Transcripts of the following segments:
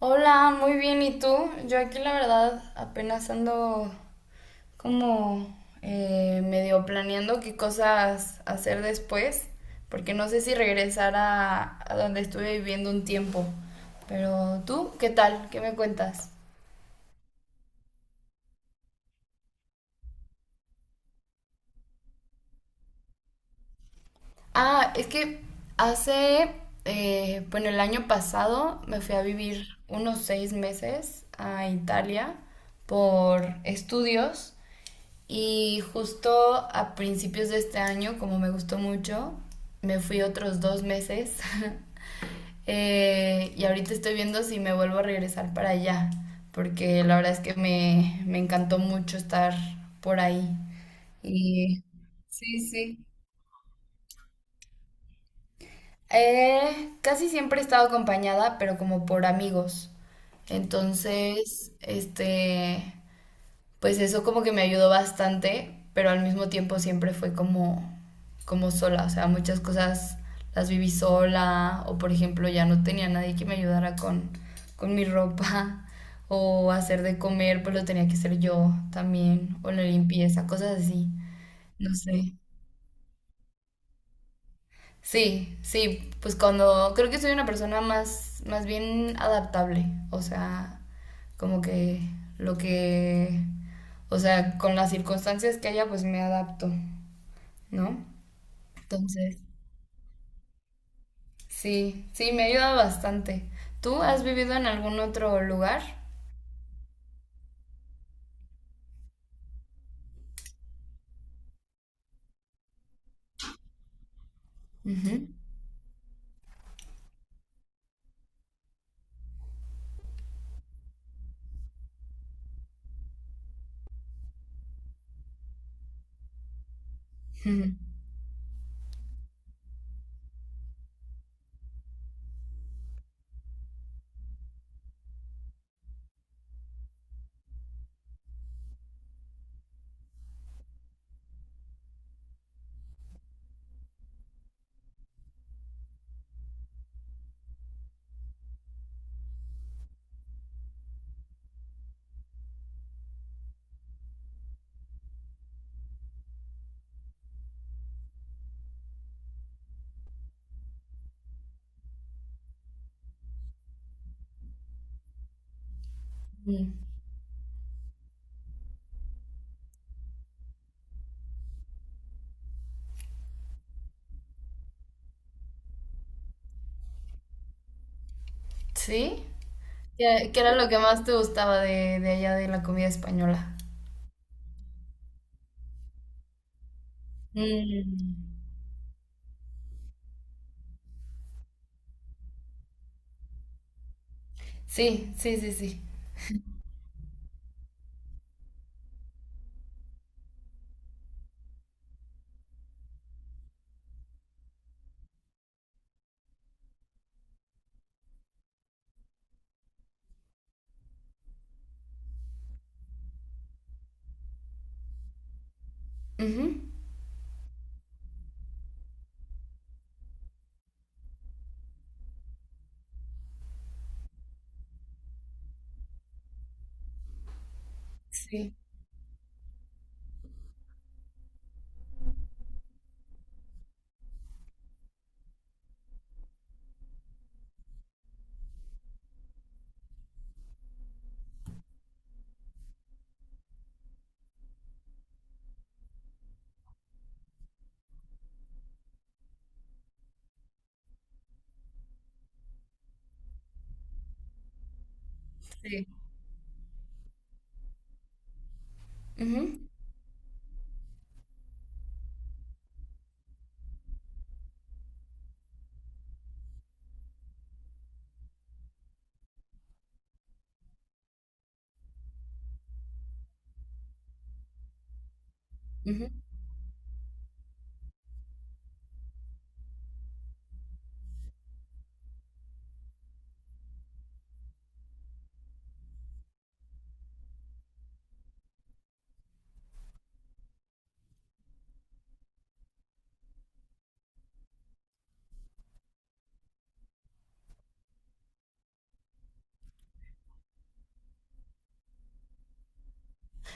Hola, muy bien. ¿Y tú? Yo aquí la verdad apenas ando como medio planeando qué cosas hacer después, porque no sé si regresar a donde estuve viviendo un tiempo. Pero tú, ¿qué tal? ¿Qué me cuentas? Ah, es que hace, bueno, el año pasado me fui a vivir unos 6 meses a Italia por estudios y justo a principios de este año, como me gustó mucho, me fui otros 2 meses. Y ahorita estoy viendo si me vuelvo a regresar para allá, porque la verdad es que me encantó mucho estar por ahí. Y sí, sí. Casi siempre he estado acompañada, pero como por amigos. Entonces, pues eso como que me ayudó bastante, pero al mismo tiempo siempre fue como, como sola. O sea, muchas cosas las viví sola, o por ejemplo, ya no tenía nadie que me ayudara con mi ropa, o hacer de comer, pues lo tenía que hacer yo también, o la limpieza, cosas así. No sé. Sí, sí, pues cuando creo que soy una persona más bien adaptable, o sea, como que lo que, o sea, con las circunstancias que haya, pues me adapto, ¿no? Entonces, sí, sí, me ayuda bastante. ¿Tú has vivido en algún otro lugar? Ujú. Ujú. Mm. ¿Sí? ¿Qué era lo que más te gustaba de allá de la comida española? Mm. Sí, sí, sí, sí. Ujú. Sí, sí. Ujú, ujú.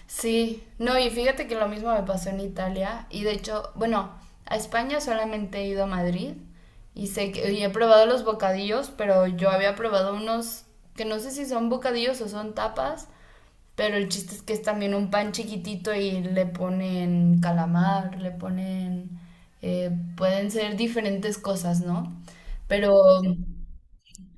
Sí, no, y fíjate que lo mismo me pasó en Italia y de hecho, bueno, a España solamente he ido a Madrid y sé que y he probado los bocadillos, pero yo había probado unos que no sé si son bocadillos o son tapas, pero el chiste es que es también un pan chiquitito y le ponen calamar, le ponen, eh, pueden ser diferentes cosas, ¿no? Pero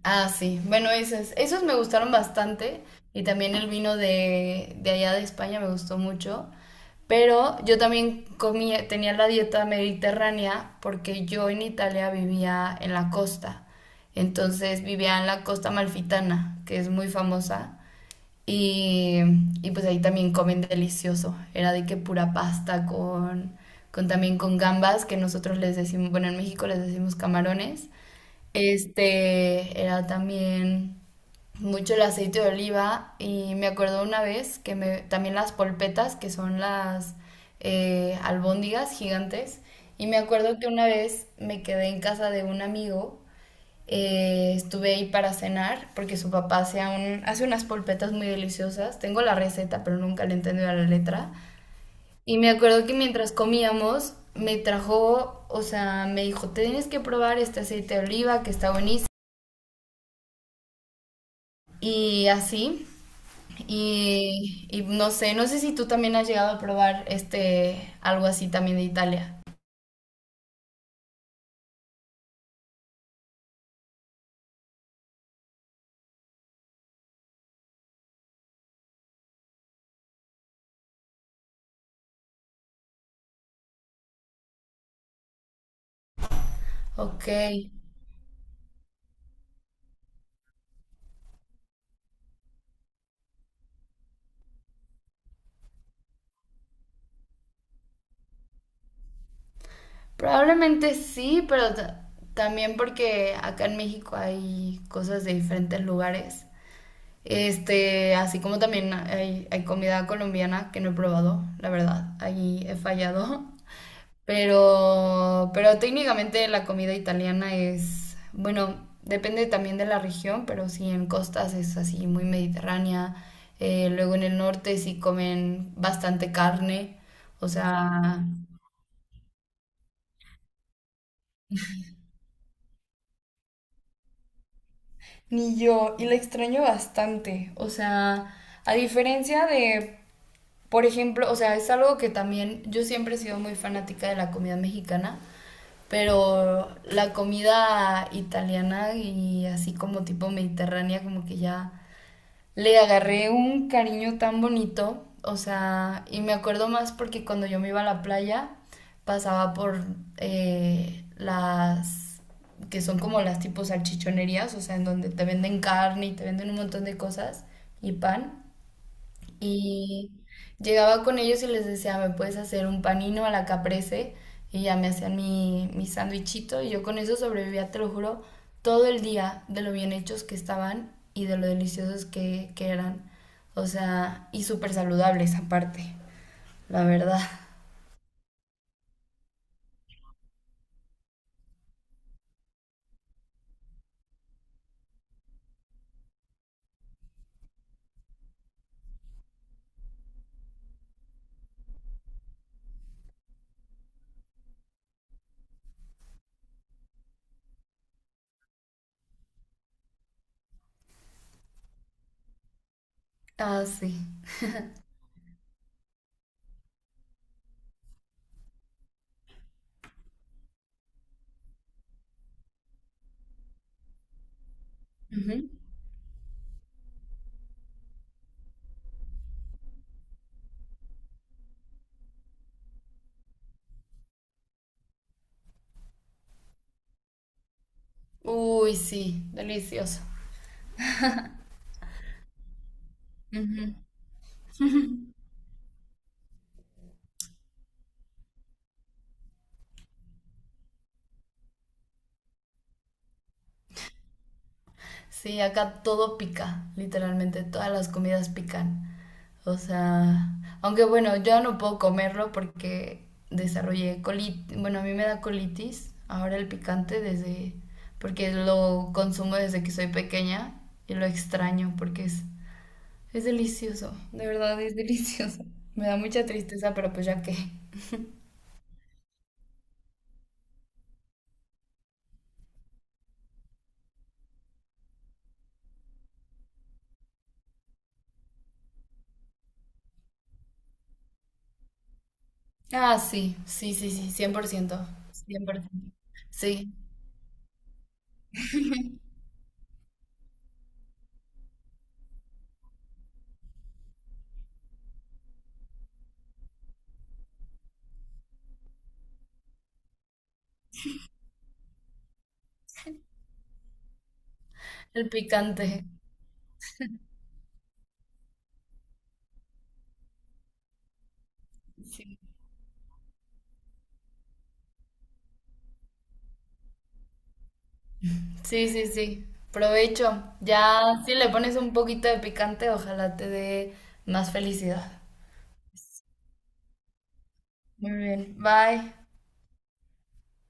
Ah, sí. Bueno, esos, esos me gustaron bastante. Y también el vino de allá de España me gustó mucho. Pero yo también comía, tenía la dieta mediterránea porque yo en Italia vivía en la costa. Entonces vivía en la costa malfitana que es muy famosa. Y, y pues ahí también comen delicioso. Era de que pura pasta con también con gambas, que nosotros les decimos, bueno, en México les decimos camarones. Este era también mucho el aceite de oliva y me acuerdo una vez que me, también las polpetas, que son las albóndigas gigantes, y me acuerdo que una vez me quedé en casa de un amigo, estuve ahí para cenar porque su papá hace, hace unas polpetas muy deliciosas, tengo la receta pero nunca le he entendido a la letra, y me acuerdo que mientras comíamos me trajo, o sea, me dijo, tienes que probar este aceite de oliva que está buenísimo y así. Y no sé, no sé si tú también has llegado a probar este algo así también de Italia. Ok, probablemente sí, pero también porque acá en México hay cosas de diferentes lugares. Este, así como también hay comida colombiana que no he probado, la verdad, ahí he fallado. Pero técnicamente la comida italiana es, bueno, depende también de la región, pero sí en costas es así muy mediterránea. Luego en el norte sí comen bastante carne, o sea, ni yo, y la extraño bastante. O sea, a diferencia de, por ejemplo, o sea, es algo que también yo siempre he sido muy fanática de la comida mexicana. Pero la comida italiana y así como tipo mediterránea, como que ya le agarré un cariño tan bonito. O sea, y me acuerdo más porque cuando yo me iba a la playa, pasaba por las que son como las tipo salchichonerías, o sea, en donde te venden carne y te venden un montón de cosas y pan. Y llegaba con ellos y les decía, ¿me puedes hacer un panino a la caprese? Y ya me hacían mi sandwichito y yo con eso sobrevivía, te lo juro, todo el día de lo bien hechos que estaban y de lo deliciosos que eran. O sea, y súper saludables aparte, la verdad. Ah, sí. Ujú. Uy, sí, delicioso. Sí, acá todo pica, literalmente, todas las comidas pican. O sea, aunque bueno, yo no puedo comerlo porque desarrollé colitis, bueno, a mí me da colitis, ahora el picante porque lo consumo desde que soy pequeña y lo extraño porque es delicioso, de verdad es delicioso. Me da mucha tristeza, pero pues ya que... Ah, sí, sí, sí, sí, cien por ciento, 100%. Sí, el picante. Sí. Sí, sí, sí. Provecho. Ya, si le pones un poquito de picante, ojalá te dé más felicidad. Muy bien. Bye.